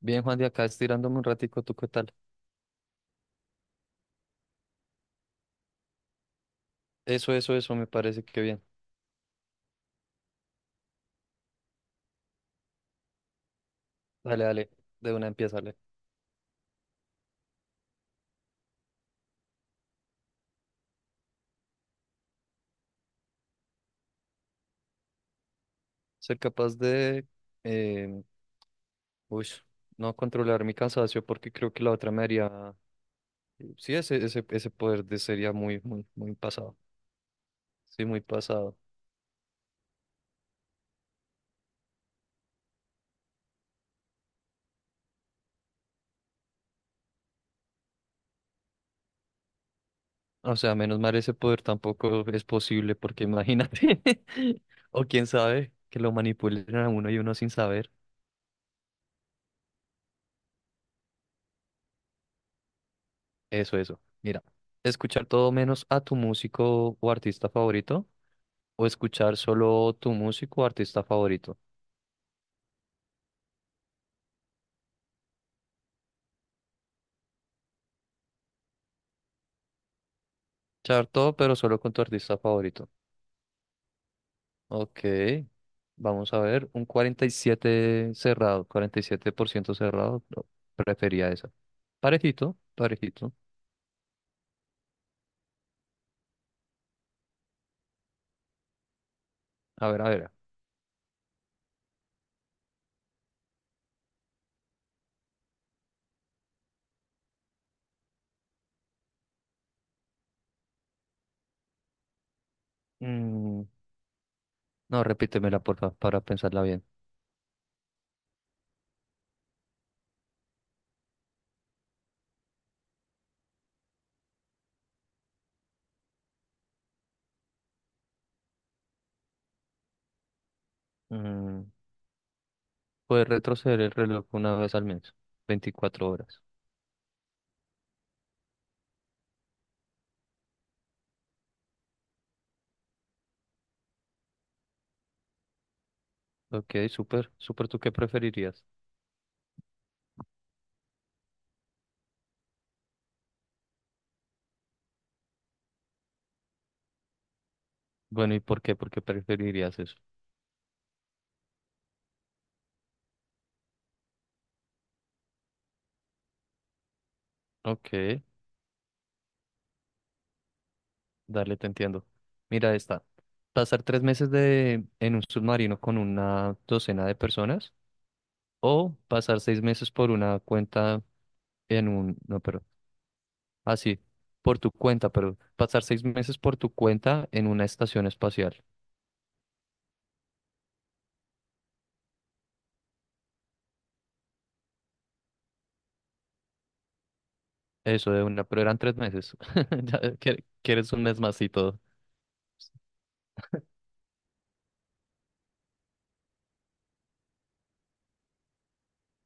Bien, Juan, de acá estirándome un ratico, ¿tú qué tal? Eso, me parece que bien. Dale, dale, de una empieza, dale. Ser capaz de, eh, uy, no controlar mi cansancio porque creo que la otra me haría, sí, ese poder de sería muy, muy, muy pasado. Sí, muy pasado. O sea, menos mal ese poder tampoco es posible porque imagínate, o quién sabe, que lo manipulen a uno y uno sin saber. Eso, eso. Mira, escuchar todo menos a tu músico o artista favorito o escuchar solo tu músico o artista favorito. Escuchar todo, pero solo con tu artista favorito. Ok, vamos a ver, un 47 cerrado, 47% cerrado, no, prefería esa. Parejito, parejito. A ver, a ver. Mm, no, repítemela, por favor, para pensarla bien. Mm, Puedes retroceder el reloj una vez al mes, 24 horas. Ok, súper, súper, ¿tú qué preferirías? Bueno, ¿y por qué? ¿Por qué preferirías eso? Ok. Dale, te entiendo. Mira esta. Pasar 3 meses en un submarino con una docena de personas o pasar 6 meses por una cuenta en un... No, pero... Ah, sí, por tu cuenta, pero pasar 6 meses por tu cuenta en una estación espacial. Eso de una, pero eran 3 meses. Ya, quieres un mes más y todo?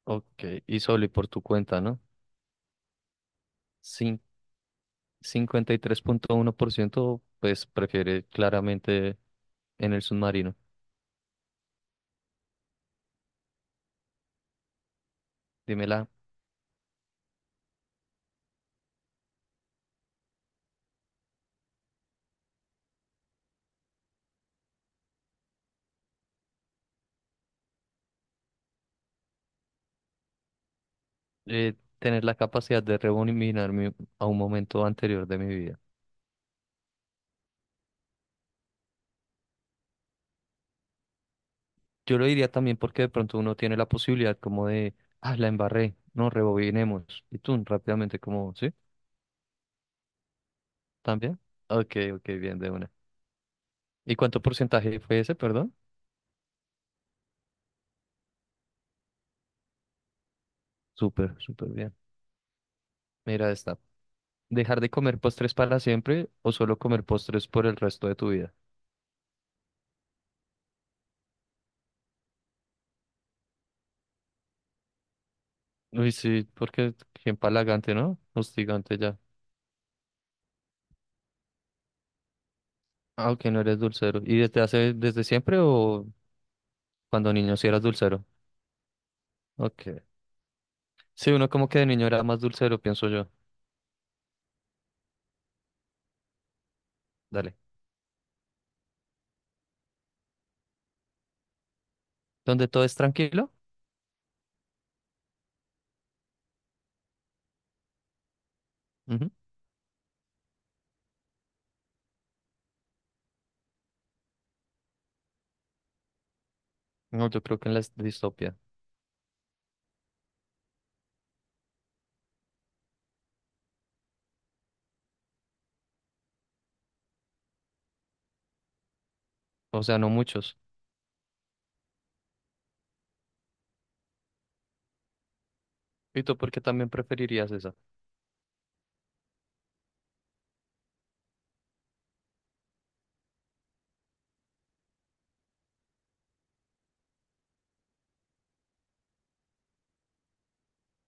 Ok, y solo y por tu cuenta, ¿no? Cin- 53.1% pues prefiere claramente en el submarino. Dímela. Eh, tener la capacidad de revolucionarme a un momento anterior de mi vida. Yo lo diría también porque de pronto uno tiene la posibilidad como de, ah, la embarré, no, rebobinemos. Y tú rápidamente como, ¿sí? ¿También? Ok, ok, bien, de una. ¿Y cuánto porcentaje fue ese, perdón? Súper, súper bien. Mira esta. ¿Dejar de comer postres para siempre o solo comer postres por el resto de tu vida? Uy, sí, porque qué empalagante, ¿no? Hostigante ya. Ah, ok, no eres dulcero. ¿Y desde hace, desde siempre o cuando niño sí eras dulcero? Ok. Sí, uno como que de niño era más dulcero, pienso yo. Dale. ¿Donde todo es tranquilo? Ujú. No, yo creo que en la distopia. O sea, no muchos. ¿Y tú por qué también preferirías esa?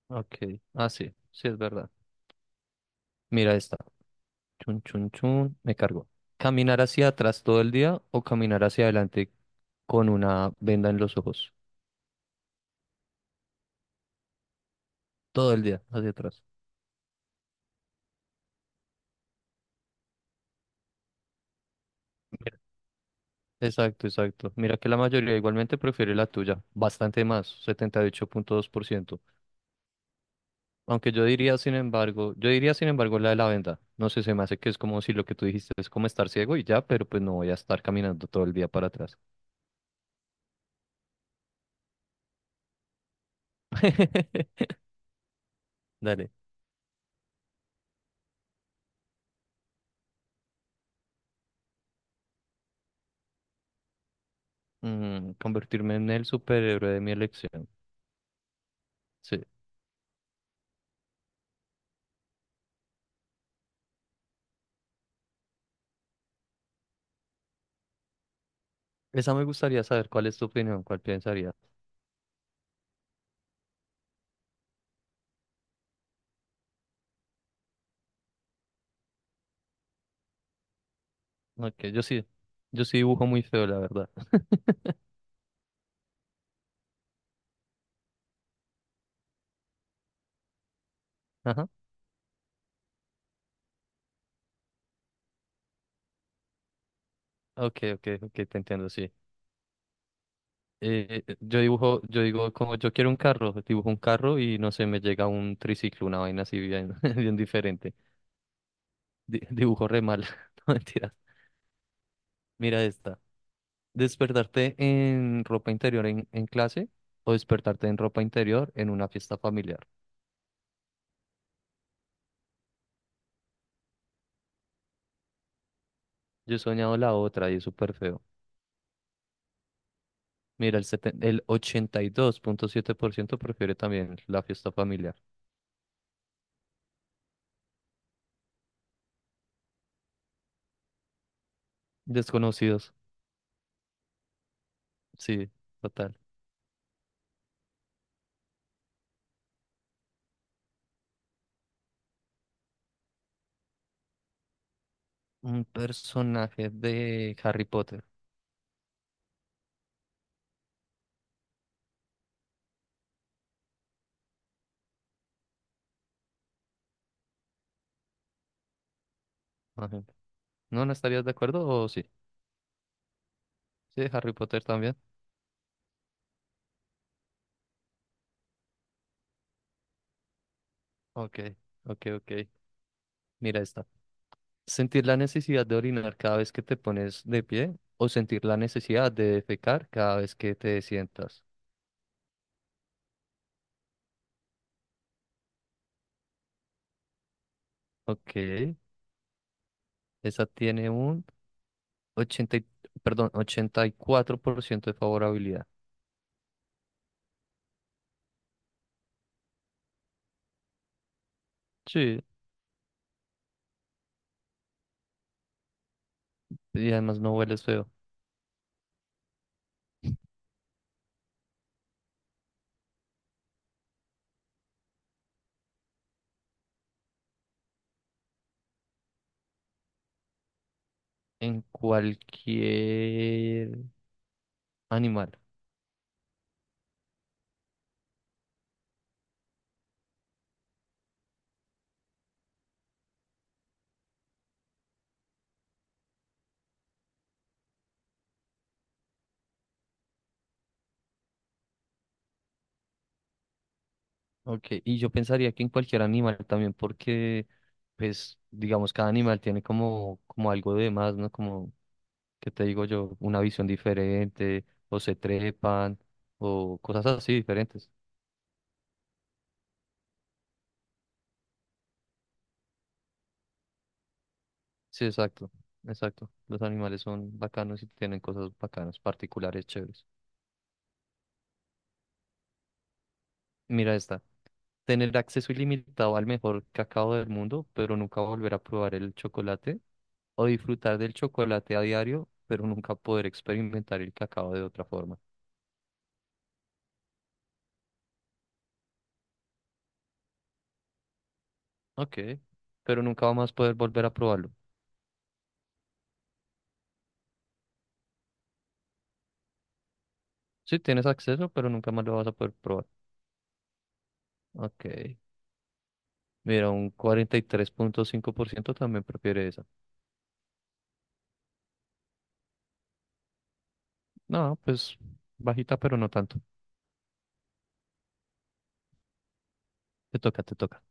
Ok. Ah, sí. Sí, es verdad. Mira esta. Chun, chun, chun. Me cargo. ¿Caminar hacia atrás todo el día o caminar hacia adelante con una venda en los ojos? Todo el día, hacia atrás. Mira. Exacto, exacto. Mira que la mayoría igualmente prefiere la tuya. Bastante más, 78.2%. Aunque yo diría, sin embargo, yo diría, sin embargo, la de la venta. No sé, se me hace que es como si lo que tú dijiste es como estar ciego y ya, pero pues no voy a estar caminando todo el día para atrás. Dale. Convertirme en el superhéroe de mi elección. Sí. Esa me gustaría saber cuál es tu opinión, cuál pensaría. Ok, yo sí, yo sí dibujo muy feo, la verdad. Ajá. Ok, ok, ok, te entiendo, sí. Yo dibujo, como yo quiero un carro, dibujo un carro y no sé, me llega un triciclo, una vaina así bien, bien diferente. Dibujo re mal. No mentiras. Mira esta. ¿Despertarte en ropa interior en, clase o despertarte en ropa interior en una fiesta familiar? Yo he soñado la otra y es súper feo. Mira, el 82.7% prefiere también la fiesta familiar. Desconocidos. Sí, total. Un personaje de Harry Potter. Imagínate. ¿No, no estarías de acuerdo o sí? Sí, Harry Potter también. Ok, ok, ok. Mira esta. Sentir la necesidad de orinar cada vez que te pones de pie o sentir la necesidad de defecar cada vez que te sientas. Ok, esa tiene un 80 y- perdón, 84% de favorabilidad. Sí, y además no hueles feo. En cualquier animal. Ok, y yo pensaría que en cualquier animal también porque, pues, digamos, cada animal tiene como algo de más, ¿no? ¿Como que te digo yo? Una visión diferente, o se trepan, o cosas así diferentes. Sí, exacto, exacto. Los animales son bacanos y tienen cosas bacanas, particulares, chéveres. Mira esta. Tener acceso ilimitado al mejor cacao del mundo, pero nunca volver a probar el chocolate. O disfrutar del chocolate a diario, pero nunca poder experimentar el cacao de otra forma. Ok, pero nunca más poder volver a probarlo. Sí, tienes acceso, pero nunca más lo vas a poder probar. Ok. Mira, un 43.5% también prefiere esa. No, pues bajita, pero no tanto. Te toca, te toca.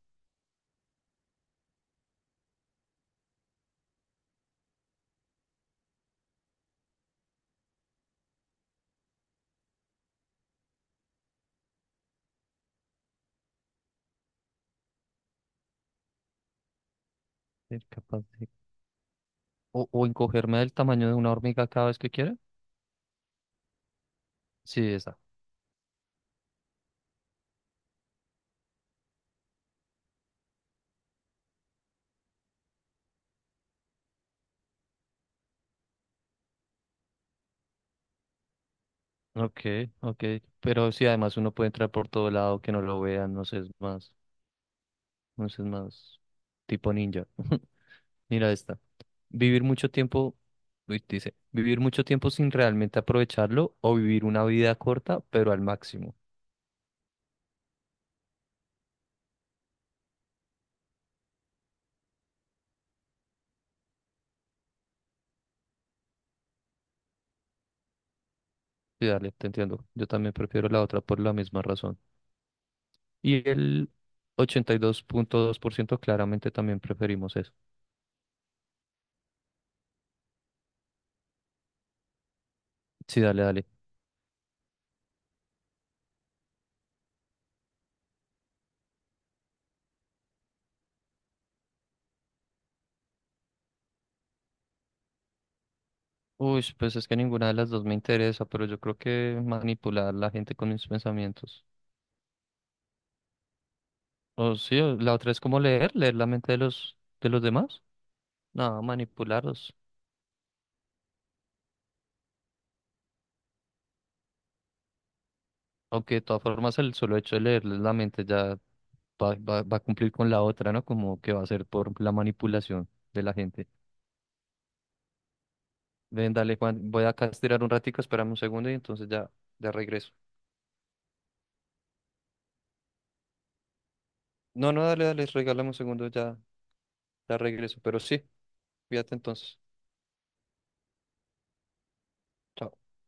Ser capaz de- o encogerme del tamaño de una hormiga cada vez que quiera. Sí, esa. Ok, ok. Pero sí, además uno puede entrar por todo lado, que no lo vean, no sé, es más, no sé, es más tipo ninja. Mira esta. Vivir mucho tiempo, uy, dice, vivir mucho tiempo sin realmente aprovecharlo o vivir una vida corta, pero al máximo. Sí, dale, te entiendo. Yo también prefiero la otra por la misma razón. Y el ochenta y dos punto dos por ciento claramente también preferimos eso. Sí, dale, dale. Uy, pues es que ninguna de las dos me interesa, pero yo creo que manipular a la gente con mis pensamientos. O sí, o la otra es como leer la mente de los demás. No, manipularlos. Aunque de todas formas el solo hecho de leerles la mente ya va a cumplir con la otra, ¿no? Como que va a ser por la manipulación de la gente. Ven, dale, Juan, voy acá a estirar un ratico, espérame un segundo y entonces ya, ya regreso. No, no, dale, dale, regálame un segundo, ya, la regreso, pero sí, fíjate entonces. Chao.